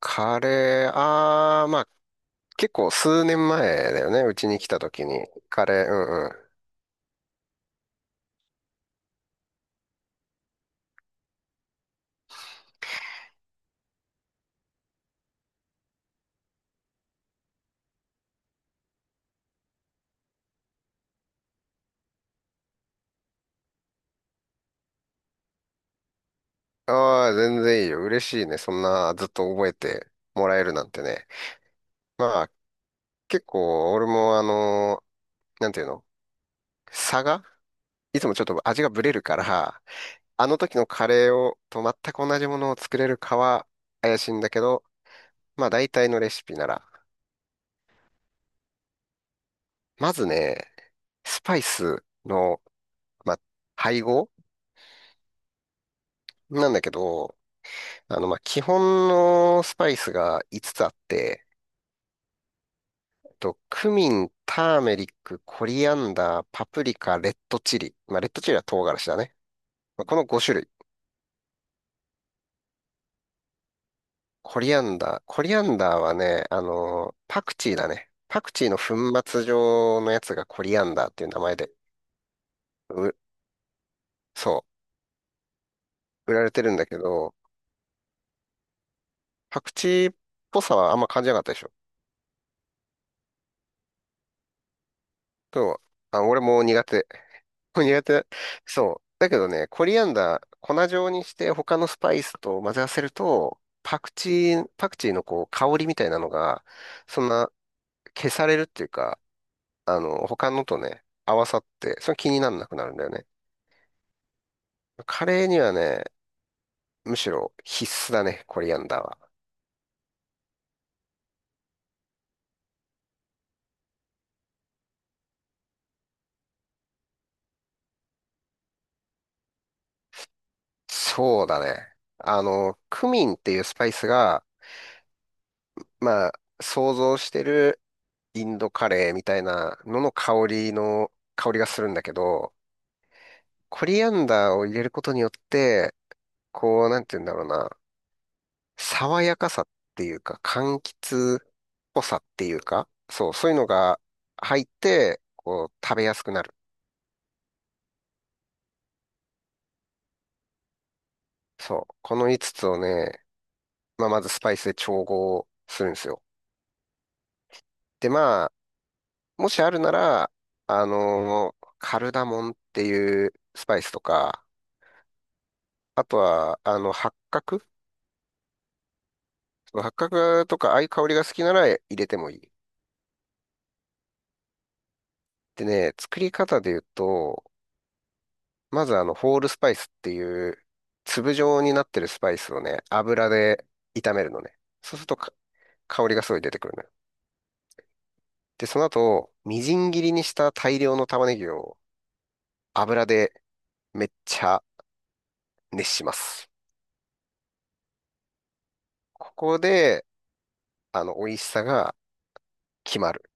カレー、あー、まあ、結構数年前だよね。うちに来た時に。カレー、うんうん。ああ全然いいよ。嬉しいね。そんな、ずっと覚えてもらえるなんてね。まあ、結構、俺もなんていうの差がいつもちょっと味がブレるから、あの時のカレーと全く同じものを作れるかは怪しいんだけど、まあ、大体のレシピなら。まずね、スパイスの、まあ、配合なんだけど、まあ、基本のスパイスが5つつあって、クミン、ターメリック、コリアンダー、パプリカ、レッドチリ。まあ、レッドチリは唐辛子だね。まあ、この5種類。コリアンダー。コリアンダーはね、パクチーだね。パクチーの粉末状のやつがコリアンダーっていう名前で、う、そう、売られてるんだけど、パクチーっぽさはあんま感じなかったでしょ。でも、あ、俺も苦手。苦手。そう。だけどね、コリアンダー、粉状にして他のスパイスと混ぜ合わせると、パクチーのこう香りみたいなのが、そんな消されるっていうか、他のとね、合わさって、それ気にならなくなるんだよね。カレーにはね、むしろ必須だね、コリアンダーは。そうだね。クミンっていうスパイスが、まあ、想像してるインドカレーみたいなのの香りがするんだけど、コリアンダーを入れることによって、こう、なんて言うんだろうな、爽やかさっていうか、柑橘っぽさっていうか、そう、そういうのが入って、こう、食べやすくなる。そう、この5つつをね、まあ、まずスパイスで調合するんですよ。で、まあ、もしあるなら、カルダモンっていうスパイスとか、あとは、その八角とか、ああいう香りが好きなら入れてもいい。でね、作り方で言うと、まずホールスパイスっていう、粒状になってるスパイスをね、油で炒めるのね。そうするとか香りがすごい出てくるのよ。で、その後、みじん切りにした大量の玉ねぎを油でめっちゃ熱します。ここで、美味しさが決まる。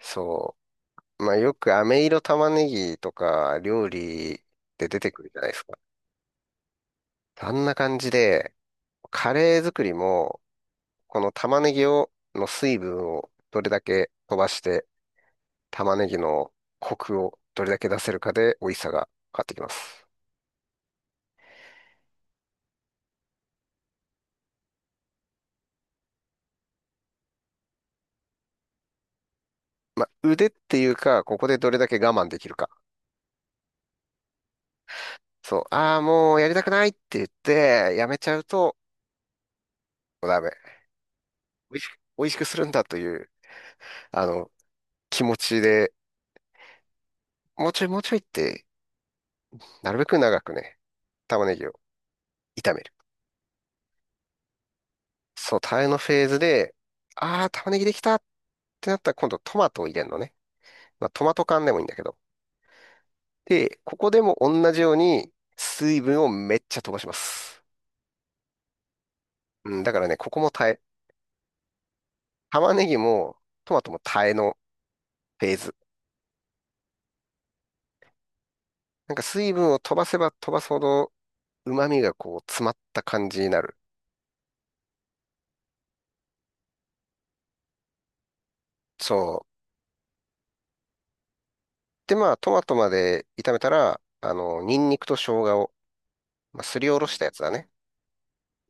そう。まあ、よく飴色玉ねぎとか料理で出てくるじゃないですか。あんな感じで、カレー作りも、この玉ねぎの水分をどれだけ飛ばして玉ねぎのコクをどれだけ出せるかで美味しさが変わってきます。まあ、腕っていうか、ここでどれだけ我慢できるか。そう、ああ、もうやりたくないって言って、やめちゃうと、もうダメ。美味しくするんだという、あの、気持ちで、もうちょいもうちょいって、なるべく長くね、玉ねぎを炒める。そう、タレのフェーズで、ああ、玉ねぎできたってなったら今度トマトを入れるのね。まあ、トマト缶でもいいんだけど。で、ここでも同じように水分をめっちゃ飛ばします。うん、だからね、ここも耐え、玉ねぎもトマトも耐えのフェーズ。なんか水分を飛ばせば飛ばすほど旨味がこう詰まった感じになる。そう。で、まあトマトまで炒めたら、ニンニクと生姜を、まあ、すりおろしたやつだね。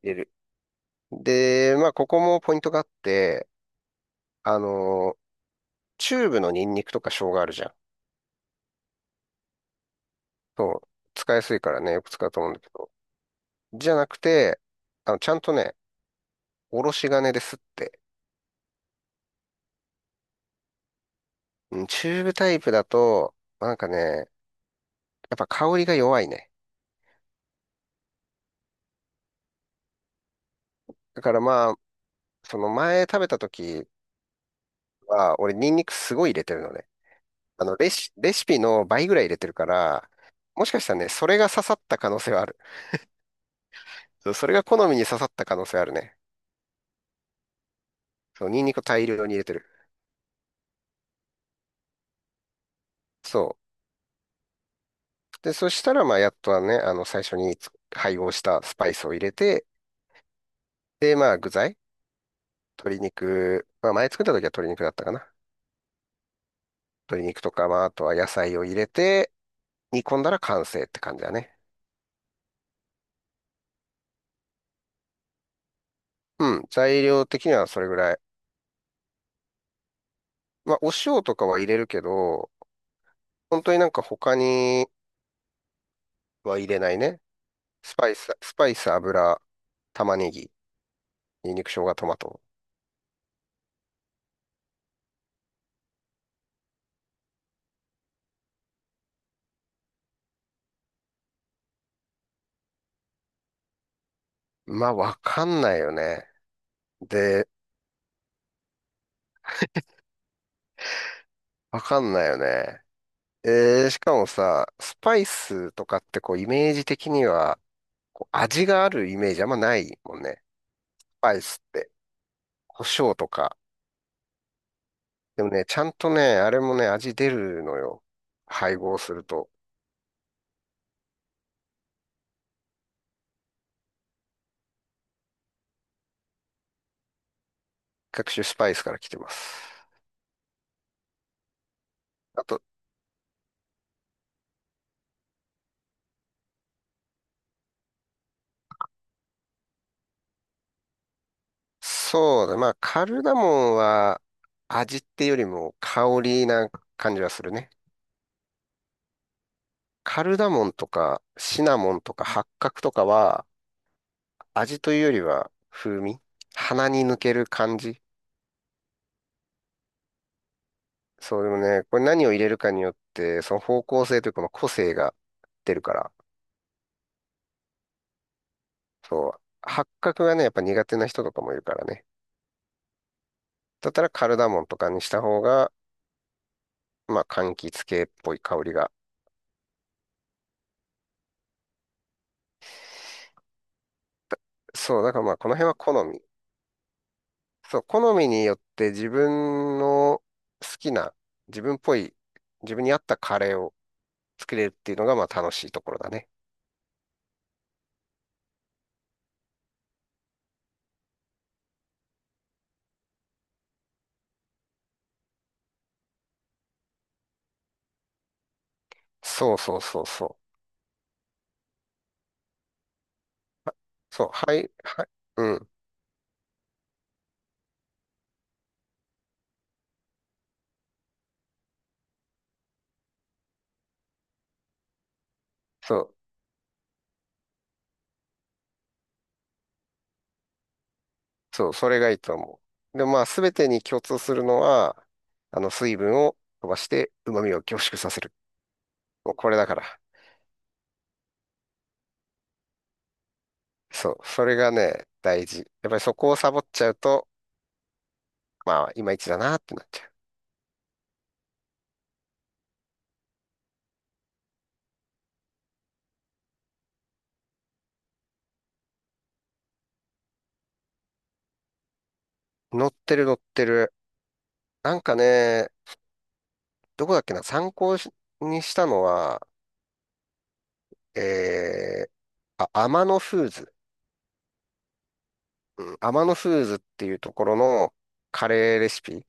入れる。で、まあここもポイントがあって、あの、チューブのニンニクとか生姜あるじゃん。そう。使いやすいからね、よく使うと思うんだけど。じゃなくて、ちゃんとね、おろし金ですってうんチューブタイプだと、なんかね、やっぱ香りが弱いね。だからまあ、その前食べた時は、俺ニンニクすごい入れてるのね。レシピの倍ぐらい入れてるから、もしかしたらね、それが刺さった可能性はある。そうそれが好みに刺さった可能性あるね。そう、ニンニクを大量に入れてる。そう。で、そしたらまあ、やっとはね、最初に配合したスパイスを入れて、で、まあ、具材、鶏肉、まあ、前作った時は鶏肉だったかな。鶏肉とか、まあ、あとは野菜を入れて、煮込んだら完成って感じだね。うん、材料的にはそれぐらい。まあ、お塩とかは入れるけど、本当になんか他には入れないね。スパイス、スパイス、油、玉ねぎ、ニンニク、生姜、トマト。まあ、わかんないよね。で、わかんないよね。しかもさ、スパイスとかってこう、イメージ的には、こう味があるイメージあんまないもんね。スパイスって、胡椒とか。でもね、ちゃんとね、あれもね、味出るのよ。配合すると。各種スパイスから来てます。あと、そうだ、まあ、カルダモンは味っていうよりも香りな感じはするね。カルダモンとかシナモンとか八角とかは味というよりは風味鼻に抜ける感じ。そうでもね、これ何を入れるかによって、その方向性というかこの個性が出るから、そう、八角がね、やっぱ苦手な人とかもいるからね。だったらカルダモンとかにした方が、まあ、柑橘系っぽい香りが。そう、だからまあこの辺は好み。そう、好みによって自分の好きな、自分っぽい、自分に合ったカレーを作れるっていうのがまあ楽しいところだね。そうそうそうそう。そう、はい、はい、うん、そう、そう、それがいいと思う。で、まあ全てに共通するのは、あの水分を飛ばして旨味を凝縮させる。もうこれだから。そう、それがね、大事。やっぱりそこをサボっちゃうと、まあいまいちだなってなっちゃう。乗ってる乗ってる。なんかね、どこだっけな、参考しにしたのは、えー、あ、アマノフーズ。うん、アマノフーズっていうところのカレーレシピ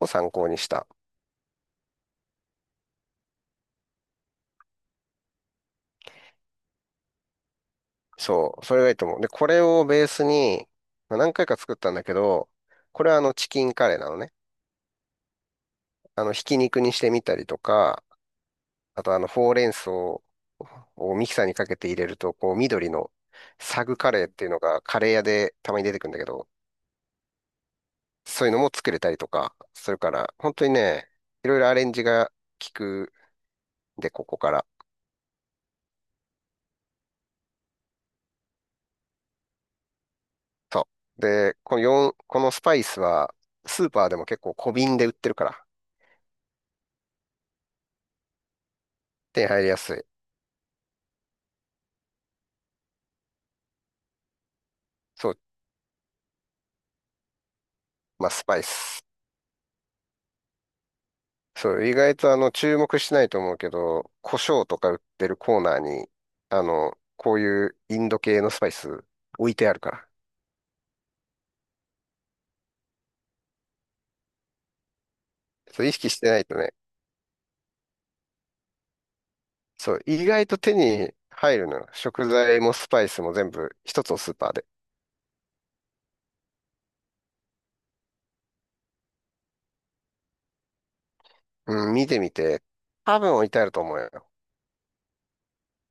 を参考にした。そう、それがいいと思う。で、これをベースに、まあ何回か作ったんだけど、これはあのチキンカレーなのね。ひき肉にしてみたりとか、あとほうれん草をミキサーにかけて入れると、こう、緑のサグカレーっていうのがカレー屋でたまに出てくるんだけど、そういうのも作れたりとかするから、本当にね、いろいろアレンジが効くんで、ここから。そう。で、この4、このスパイスは、スーパーでも結構小瓶で売ってるから、手に入りやすい。そう、まあ、スパイス。そう、意外と注目しないと思うけど、胡椒とか売ってるコーナーに、こういうインド系のスパイス置いてあるから。そう、意識してないとね、そう、意外と手に入るのよ。食材もスパイスも全部一つのスーパーで。うん、見てみて。多分置いてあると思うよ。